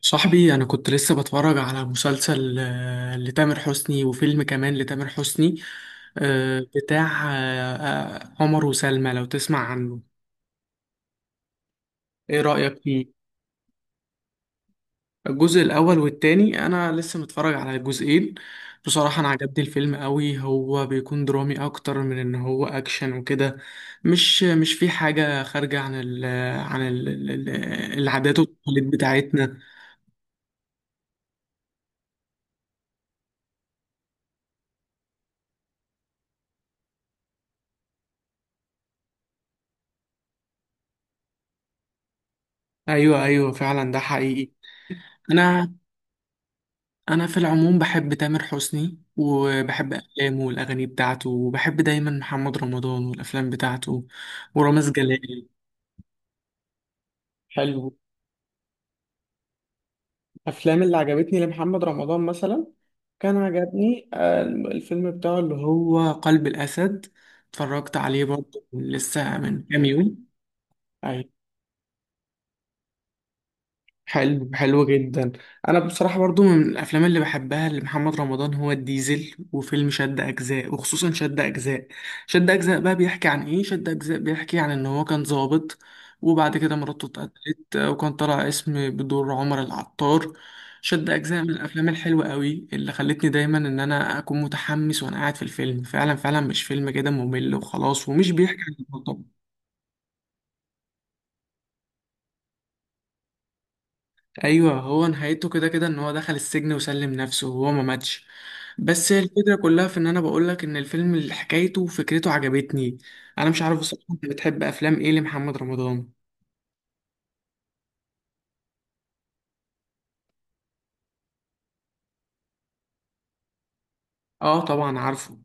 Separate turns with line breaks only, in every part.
صاحبي، أنا كنت لسه بتفرج على مسلسل لتامر حسني، وفيلم كمان لتامر حسني، بتاع عمر وسلمى. لو تسمع عنه، إيه رأيك فيه؟ الجزء الأول والتاني أنا لسه متفرج على الجزئين. بصراحة أنا عجبني الفيلم قوي، هو بيكون درامي أكتر من إن هو أكشن وكده. مش في حاجة خارجة عن العادات والتقاليد بتاعتنا. أيوه، أيوه، فعلا ده حقيقي. انا انا في العموم بحب تامر حسني، وبحب افلامه والاغاني بتاعته، وبحب دايما محمد رمضان والافلام بتاعته، ورامز جلال. حلو. الافلام اللي عجبتني لمحمد رمضان مثلا، كان عجبني الفيلم بتاعه اللي هو قلب الاسد. اتفرجت عليه برضه لسه من كام يوم. حلو، حلو جدا. انا بصراحه برضو من الافلام اللي بحبها لمحمد رمضان هو الديزل وفيلم شد اجزاء، وخصوصا شد اجزاء. شد اجزاء بقى بيحكي عن ايه؟ شد اجزاء بيحكي عن ان هو كان ضابط، وبعد كده مراته اتقتلت، وكان طالع اسم بدور عمر العطار. شد اجزاء من الافلام الحلوه قوي اللي خلتني دايما ان انا اكون متحمس وانا قاعد في الفيلم، فعلا فعلا مش فيلم كده ممل وخلاص، ومش بيحكي عن البلطجة. ايوه، هو نهايته كده كده ان هو دخل السجن وسلم نفسه وهو ما ماتش. بس الفكره كلها في ان انا بقولك ان الفيلم اللي حكايته وفكرته عجبتني. انا مش عارف بصراحه انت بتحب افلام ايه لمحمد رمضان. اه طبعا، عارفه.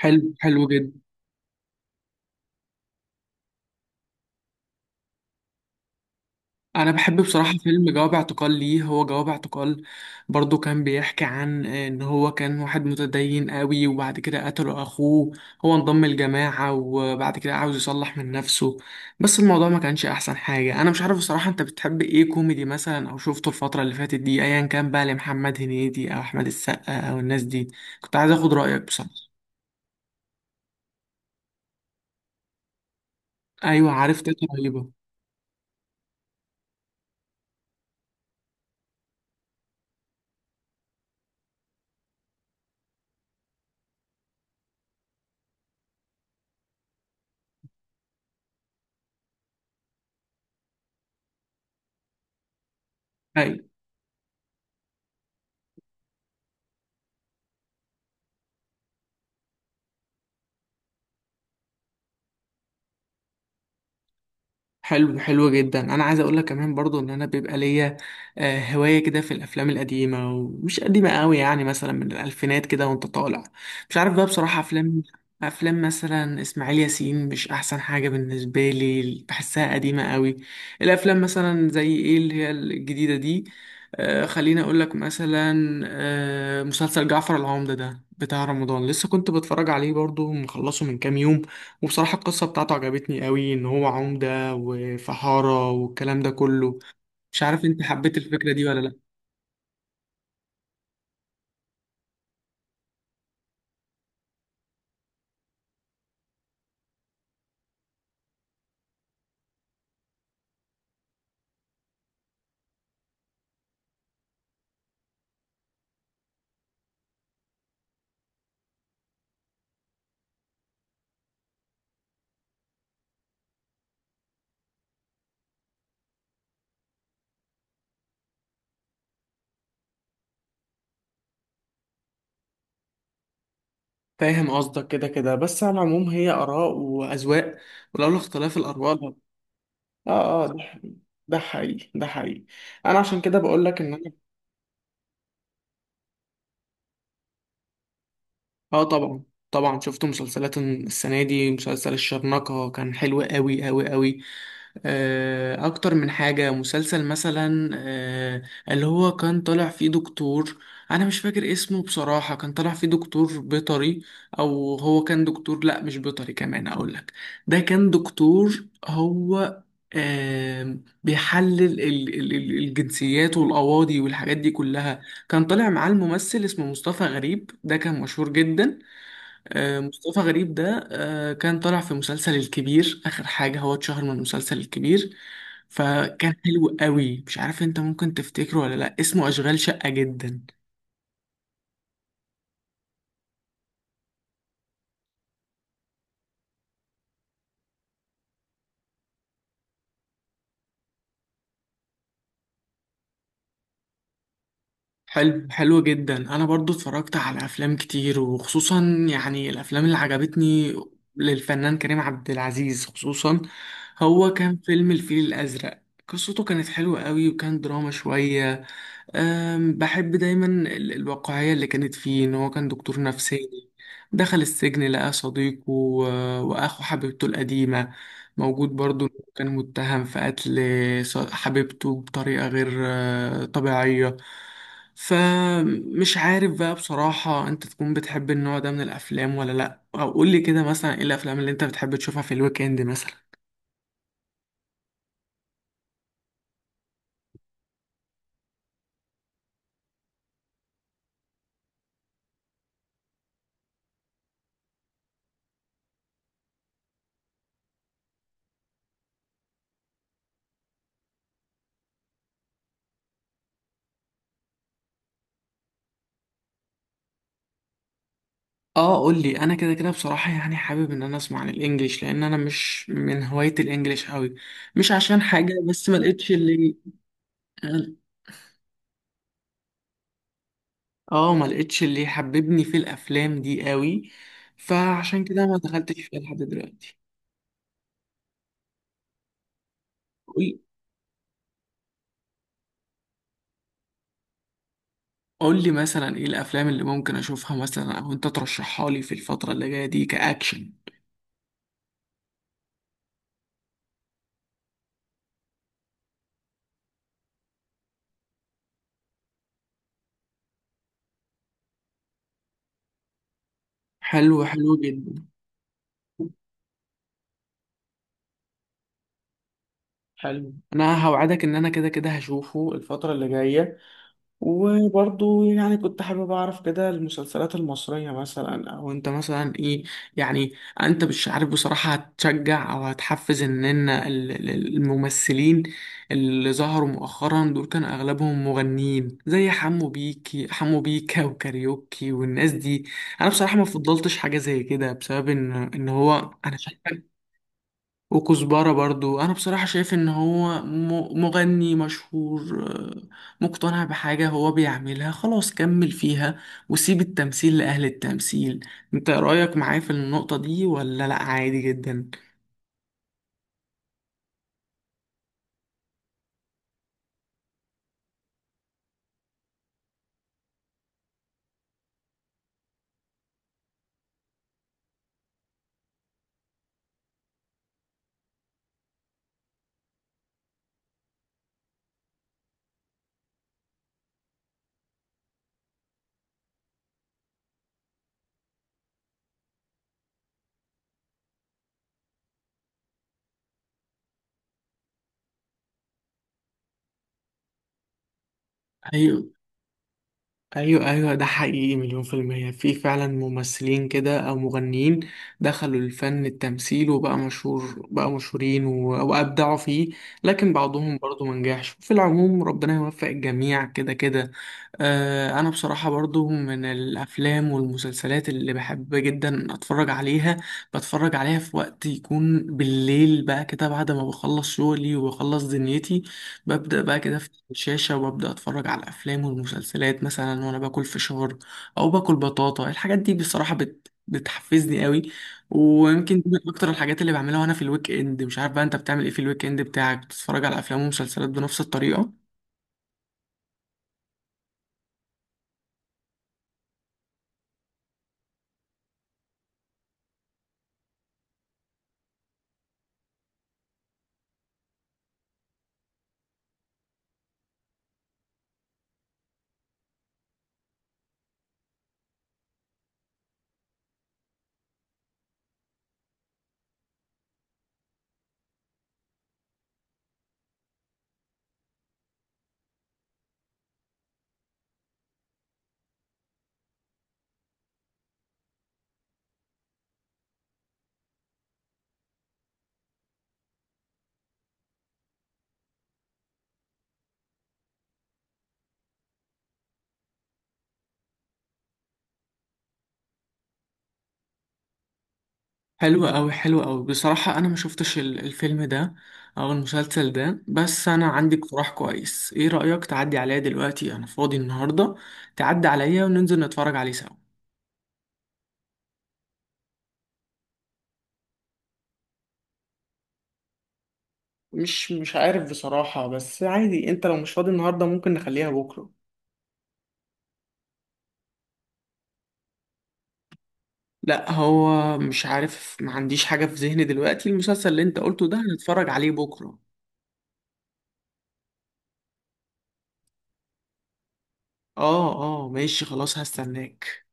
حلو، حلو جدا. انا بحب بصراحه فيلم جواب اعتقال. ليه هو جواب اعتقال؟ برضو كان بيحكي عن ان هو كان واحد متدين قوي، وبعد كده قتله اخوه. هو انضم الجماعه، وبعد كده عاوز يصلح من نفسه. بس الموضوع ما كانش احسن حاجه. انا مش عارف بصراحه انت بتحب ايه، كوميدي مثلا، او شفته الفتره اللي فاتت دي، ايا كان بقى لمحمد هنيدي او احمد السقا او الناس دي. كنت عايز اخد رايك بصراحه. ايوه، عرفت. إيه رهيبه. ايوه. حلو، حلو جدا. انا عايز اقول لك كمان برضو ان انا بيبقى ليا هوايه كده في الافلام القديمه، ومش قديمه قوي، يعني مثلا من الالفينات كده وانت طالع. مش عارف بقى بصراحه افلام مثلا اسماعيل ياسين، مش احسن حاجه بالنسبه لي، بحسها قديمه قوي. الافلام مثلا زي ايه اللي هي الجديده دي؟ خليني اقول لك مثلا، مسلسل جعفر العمدة ده بتاع رمضان لسه كنت بتفرج عليه برضو، مخلصه من كام يوم. وبصراحة القصة بتاعته عجبتني قوي، ان هو عمدة وفحارة والكلام ده كله. مش عارف انت حبيت الفكرة دي ولا لا. فاهم قصدك كده كده، بس على العموم هي آراء وأذواق، ولولا اختلاف الأرواح. اه. اه، ده حقيقي، ده حقيقي. انا عشان كده بقول لك ان انا. اه طبعا، طبعا شفت مسلسلات السنه دي. مسلسل الشرنقه كان حلو قوي قوي قوي. اكتر من حاجه، مسلسل مثلا، اللي هو كان طالع فيه دكتور. انا مش فاكر اسمه بصراحه، كان طالع فيه دكتور بيطري، او هو كان دكتور، لا مش بيطري. كمان اقول لك، ده كان دكتور هو آه، بيحلل الجنسيات والأواضي والحاجات دي كلها. كان طالع معاه الممثل اسمه مصطفى غريب، ده كان مشهور جدا. مصطفى غريب ده كان طالع في مسلسل الكبير. آخر حاجة، هو اتشهر من مسلسل الكبير. فكان حلو قوي. مش عارف انت ممكن تفتكره ولا لا، اسمه أشغال شقة جدا. حلو، حلو جدا. انا برضو اتفرجت على افلام كتير، وخصوصا يعني الافلام اللي عجبتني للفنان كريم عبد العزيز، خصوصا هو كان فيلم الفيل الازرق. قصته كانت حلوة قوي، وكان دراما شوية. بحب دايما الواقعية اللي كانت فيه، إن هو كان دكتور نفساني دخل السجن، لقى صديقه وأخو حبيبته القديمة موجود برضه، إنه كان متهم في قتل حبيبته بطريقة غير طبيعية. فمش عارف بقى بصراحة أنت تكون بتحب النوع ده من الأفلام ولا لأ، أو قولي كده مثلا إيه الأفلام اللي أنت بتحب تشوفها في الويك إند مثلا. اه، قول لي. انا كده كده بصراحه يعني حابب ان انا اسمع عن الانجليش، لان انا مش من هوايه الانجليش قوي. مش عشان حاجه، بس ما لقيتش اللي. اه، ما لقيتش اللي حببني في الافلام دي قوي، فعشان كده ما دخلتش فيها لحد دلوقتي. قول قول لي مثلا ايه الافلام اللي ممكن اشوفها مثلا، او انت ترشحها لي في الفتره اللي جايه دي، كاكشن. حلو، حلو جدا، حلو. انا هوعدك ان انا كده كده هشوفه الفتره اللي جايه. وبرضو يعني كنت حابب أعرف كده المسلسلات المصرية مثلا، أو أنت مثلا إيه يعني. أنت مش عارف بصراحة هتشجع أو هتحفز إن الممثلين اللي ظهروا مؤخرا دول كان أغلبهم مغنيين، زي حمو بيكا وكاريوكي والناس دي. أنا بصراحة ما فضلتش حاجة زي كده بسبب إن هو أنا شايف، وكزبرة برضو. أنا بصراحة شايف إن هو مغني مشهور، مقتنع بحاجة هو بيعملها خلاص كمل فيها، وسيب التمثيل لأهل التمثيل. أنت رأيك معايا في النقطة دي ولا لأ، عادي جدا؟ أيوة، ايوه، ايوه، ده حقيقي مليون في المية. في فعلا ممثلين كده او مغنيين دخلوا الفن التمثيل، وبقى مشهورين وابدعوا فيه. لكن بعضهم برضو منجحش. في العموم ربنا يوفق الجميع كده كده. انا بصراحة برضو من الافلام والمسلسلات اللي بحب جدا اتفرج عليها، بتفرج عليها في وقت يكون بالليل بقى كده، بعد ما بخلص شغلي وبخلص دنيتي. ببدأ بقى كده في الشاشة، وببدأ أتفرج على الأفلام والمسلسلات مثلا، وأنا باكل فشار أو باكل بطاطا. الحاجات دي بصراحة بتحفزني قوي. ويمكن دي من أكتر الحاجات اللي بعملها وأنا في الويك إند. مش عارف بقى أنت بتعمل إيه في الويك إند بتاعك، بتتفرج على أفلام ومسلسلات بنفس الطريقة؟ حلوة أوي، حلوة أوي. بصراحة أنا ما شفتش الفيلم ده أو المسلسل ده، بس أنا عندي اقتراح كويس. إيه رأيك تعدي عليا دلوقتي، أنا فاضي النهاردة. تعدي عليا وننزل نتفرج عليه سوا. مش عارف بصراحة، بس عادي انت لو مش فاضي النهاردة ممكن نخليها بكرة. لا هو مش عارف، ما عنديش حاجة في ذهني دلوقتي. المسلسل اللي انت قلته ده هنتفرج عليه بكرة. اه، اه، ماشي خلاص، هستناك.